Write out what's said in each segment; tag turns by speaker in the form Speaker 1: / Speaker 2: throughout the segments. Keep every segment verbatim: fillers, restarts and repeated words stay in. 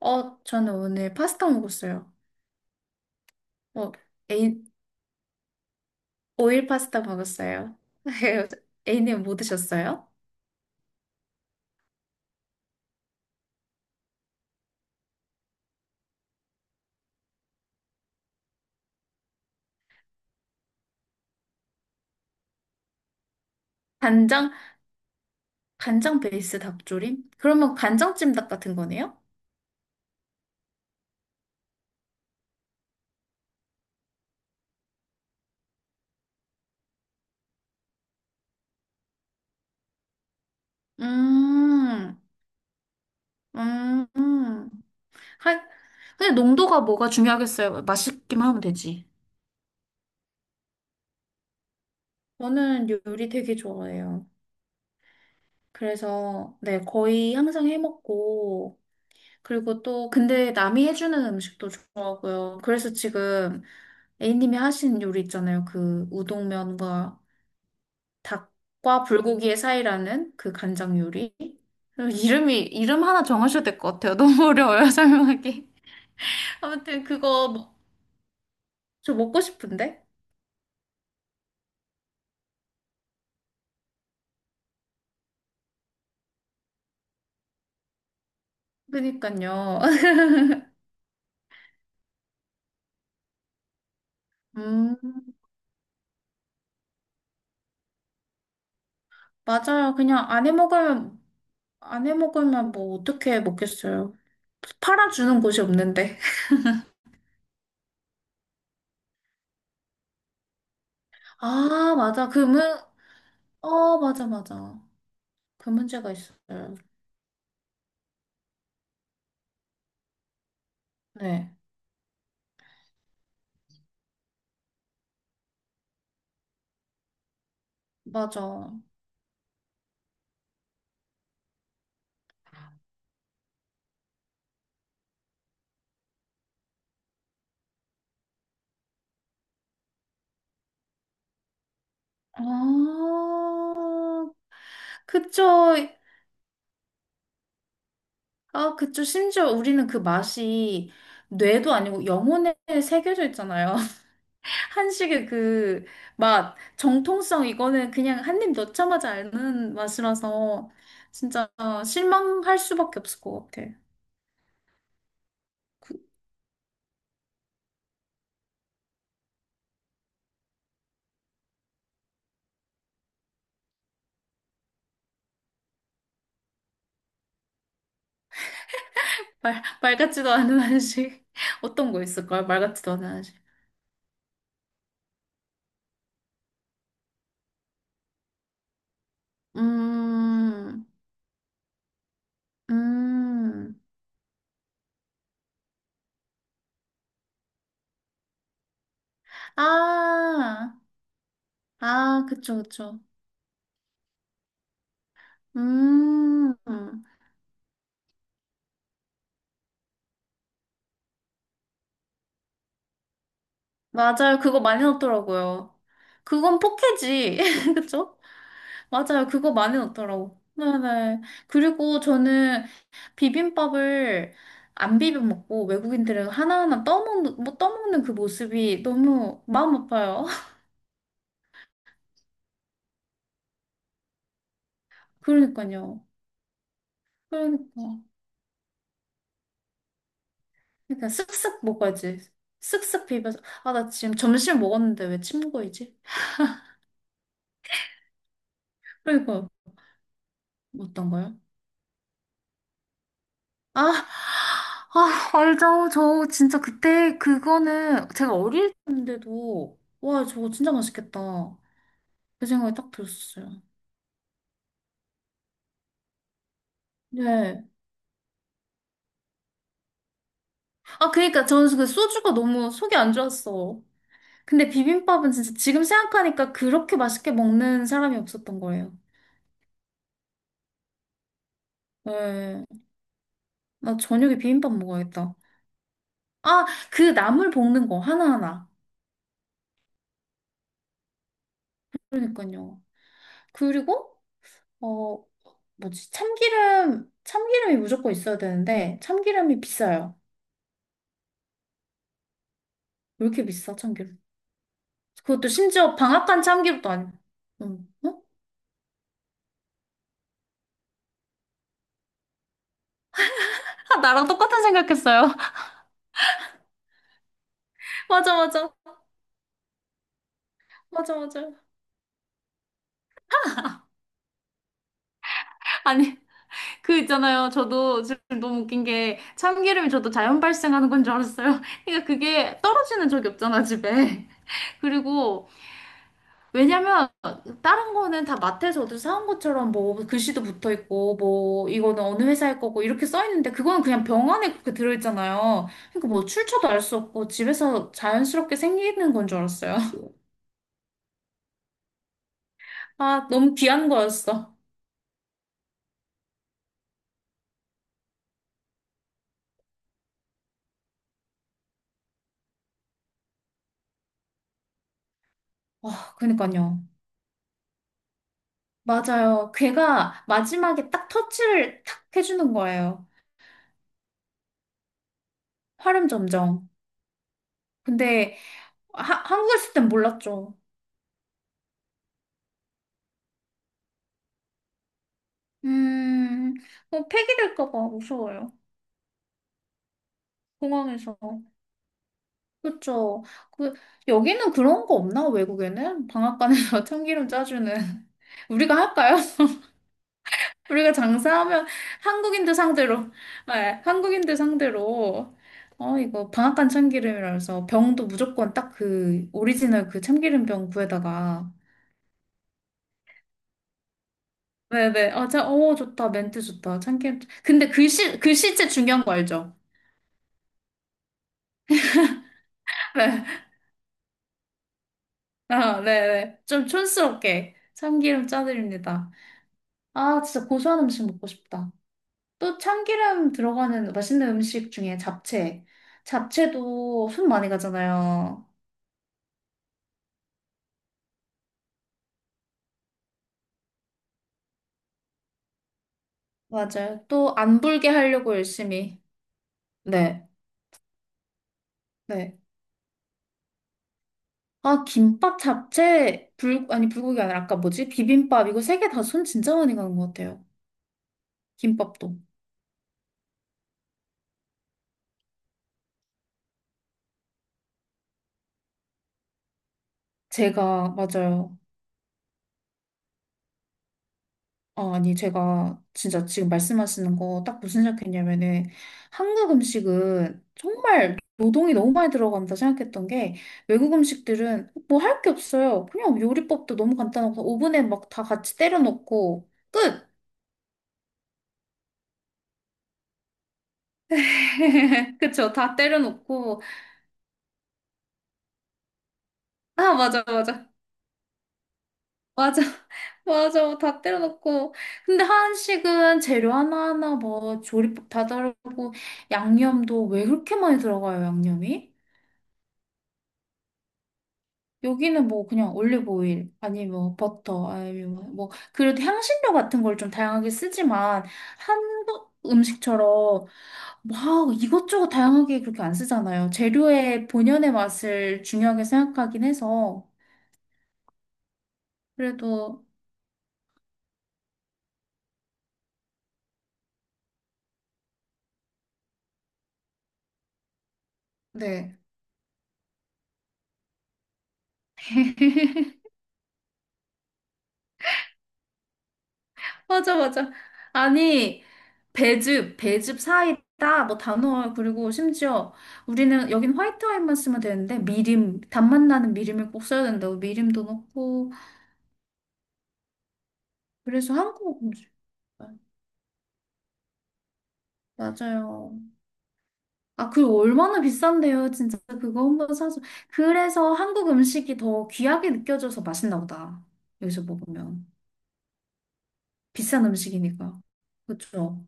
Speaker 1: 어, 저는 오늘 파스타 먹었어요. 어, 애인, 오일 파스타 먹었어요. 애인님 뭐 드셨어요? 간장, 간장 베이스 닭조림? 그러면 간장찜 닭 같은 거네요? 음, 음, 음. 하, 근데 농도가 뭐가 중요하겠어요? 맛있기만 하면 되지. 저는 요리 되게 좋아해요. 그래서, 네, 거의 항상 해 먹고, 그리고 또, 근데 남이 해주는 음식도 좋아하고요. 그래서 지금 A님이 하신 요리 있잖아요. 그 우동면과 닭과 불고기의 사이라는 그 간장 요리. 이름이, 이름 하나 정하셔야 될 것 같아요. 너무 어려워요, 설명하기. 아무튼 그거 먹- 저 먹고 싶은데? 그니까요. 음, 맞아요. 그냥 안 해 먹으면, 안 해 먹으면 뭐 어떻게 먹겠어요. 팔아주는 곳이 없는데. 아, 맞아. 그러면, 어, 맞아, 맞아. 그 문제가 있어요. 네, 맞아. 아, 그쵸. 아, 그쵸. 심지어 우리는 그 맛이 뇌도 아니고 영혼에 새겨져 있잖아요. 한식의 그 맛, 정통성, 이거는 그냥 한 입 넣자마자 아는 맛이라서 진짜 실망할 수밖에 없을 것 같아. 그 말, 말 같지도 않은 한식. 어떤 거 있을까요? 말 같지도 않은 한식. 음, 음. 아. 아, 그쵸, 그쵸. 음, 맞아요. 그거 많이 넣더라고요. 그건 포케지. 그쵸? 맞아요. 그거 많이 넣더라고. 네네. 그리고 저는 비빔밥을 안 비벼 먹고 외국인들은 하나하나 떠먹는, 뭐 떠먹는 그 모습이 너무 마음 아파요. 그러니까요. 그러니까. 그러니까 쓱쓱 먹어야지. 쓱쓱 비벼서. 아, 나 지금 점심 먹었는데 왜 침묵이지? 그러니까요. 어떤가요? 아, 아, 알죠. 저 진짜 그때 그거는 제가 어릴 때인데도 와, 저거 진짜 맛있겠다. 그 생각이 딱 들었어요. 네. 아, 그러니까 저는 그 소주가 너무 속이 안 좋았어. 근데 비빔밥은 진짜 지금 생각하니까 그렇게 맛있게 먹는 사람이 없었던 거예요. 네. 나 저녁에 비빔밥 먹어야겠다. 아, 그 나물 볶는 거 하나하나. 그러니까요. 그리고 어, 뭐지? 참기름, 참기름이 무조건 있어야 되는데, 참기름이 비싸요. 왜 이렇게 비싸, 참기름? 그것도 심지어 방앗간 참기름도 아니고. 응. 어? 아, 나랑 똑같은 생각했어요. 맞아, 맞아. 맞아, 맞아. 아니, 그 있잖아요. 저도 지금 너무 웃긴 게 참기름이 저도 자연 발생하는 건 줄 알았어요. 그러니까 그게 떨어지는 적이 없잖아, 집에. 그리고 왜냐면 다른 거는 다 마트에서 어디서 사온 것처럼 뭐 글씨도 붙어 있고 뭐 이거는 어느 회사일 거고 이렇게 써 있는데 그거는 그냥 병 안에 그렇게 들어 있잖아요. 그러니까 뭐 출처도 알 수 없고 집에서 자연스럽게 생기는 건 줄 알았어요. 아, 너무 귀한 거였어. 와, 그니까요. 맞아요. 걔가 마지막에 딱 터치를 탁 해주는 거예요. 화름 점정. 근데 하, 한국에 있을 땐 몰랐죠. 음, 뭐 폐기될까 봐 무서워요. 공항에서. 그쵸. 그, 여기는 그런 거 없나? 외국에는? 방앗간에서 참기름 짜주는. 우리가 할까요? 우리가 장사하면 한국인들 상대로, 네, 한국인들 상대로. 어, 이거 방앗간 참기름이라서 병도 무조건 딱 그 오리지널 그 참기름 병 구에다가. 네네. 아, 자, 오, 좋다. 멘트 좋다. 참기름. 근데 글씨, 글씨체 중요한 거 알죠? 네. 아, 네네. 좀 촌스럽게 참기름 짜드립니다. 아, 진짜 고소한 음식 먹고 싶다. 또 참기름 들어가는 맛있는 음식 중에 잡채. 잡채도 손 많이 가잖아요. 맞아요. 또 안 불게 하려고 열심히. 네, 네. 아, 김밥, 잡채, 불, 아니, 불고기 아니라 아까 뭐지? 비빔밥. 이거 세 개 다 손 진짜 많이 가는 것 같아요. 김밥도. 제가, 맞아요. 어, 아니, 제가 진짜 지금 말씀하시는 거 딱 무슨 생각했냐면은 한국 음식은 정말 노동이 너무 많이 들어간다 생각했던 게 외국 음식들은 뭐 할 게 없어요. 그냥 요리법도 너무 간단하고 오븐에 막 다 같이 때려 넣고 끝! 그쵸, 다 때려 넣고 아, 맞아, 맞아. 맞아, 맞아, 다 때려 넣고. 근데 한식은 재료 하나하나 뭐 조리법 다 다르고 양념도 왜 그렇게 많이 들어가요, 양념이? 여기는 뭐 그냥 올리브 오일 아니 뭐 버터 아니 뭐뭐 그래도 향신료 같은 걸 좀 다양하게 쓰지만 한국 음식처럼 막 이것저것 다양하게 그렇게 안 쓰잖아요. 재료의 본연의 맛을 중요하게 생각하긴 해서 그래도 네. 맞아, 맞아. 아니, 배즙, 배즙 사이다, 뭐 단호할, 그리고 심지어 우리는 여긴 화이트 와인만 쓰면 되는데, 미림, 단맛 나는 미림을 꼭 써야 된다고, 미림도 넣고, 그래서 한국 음식. 맞아요. 아, 그 얼마나 비싼데요. 진짜 그거 한번 사서. 그래서 한국 음식이 더 귀하게 느껴져서 맛있나 보다. 여기서 먹으면. 비싼 음식이니까. 그쵸?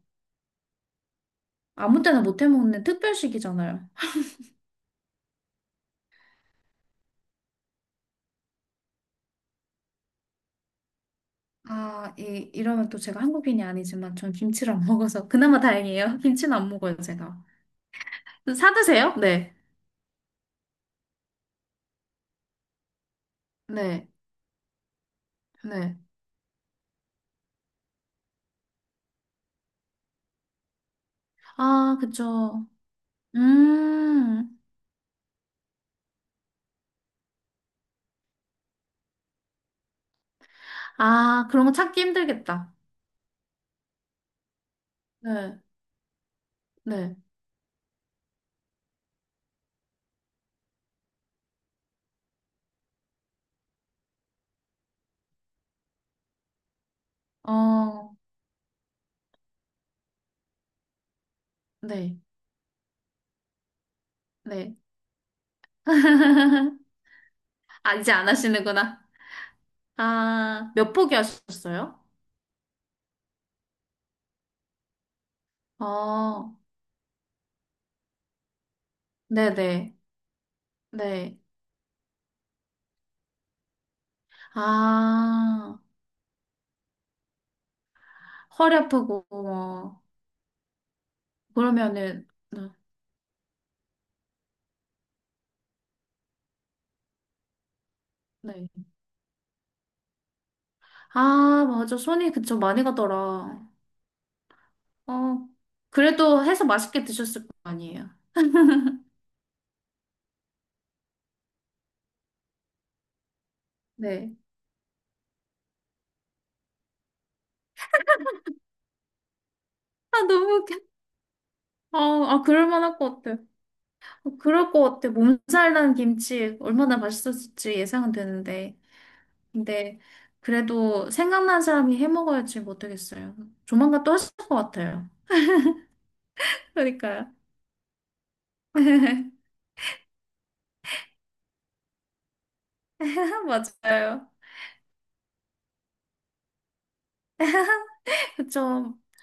Speaker 1: 아무 때나 못해 먹는 특별식이잖아요. 아, 이, 이러면 또 제가 한국인이 아니지만 전 김치를 안 먹어서 그나마 다행이에요. 김치는 안 먹어요, 제가. 사 드세요? 네. 네. 네. 아, 그쵸. 음. 아, 그런 거 찾기 힘들겠다. 네. 네. 어, 네. 네. 아, 이제 안 하시는구나. 아, 몇 포기 하셨어요? 어, 네네. 네. 네. 아, 허리 아프고, 뭐. 그러면은, 네. 네. 아, 맞아. 손이 그쵸. 많이 가더라. 어, 그래도 해서 맛있게 드셨을 거 아니에요. 네. 아, 너무 웃겨. 아, 아, 그럴 만할 것 같아. 아, 그럴 것 같아. 몸살 난 김치 얼마나 맛있었을지 예상은 되는데. 근데 그래도 생각난 사람이 해 먹어야지 못하겠어요. 조만간 또 하실 것 같아요. 그러니까요. 맞아요. 그쵸.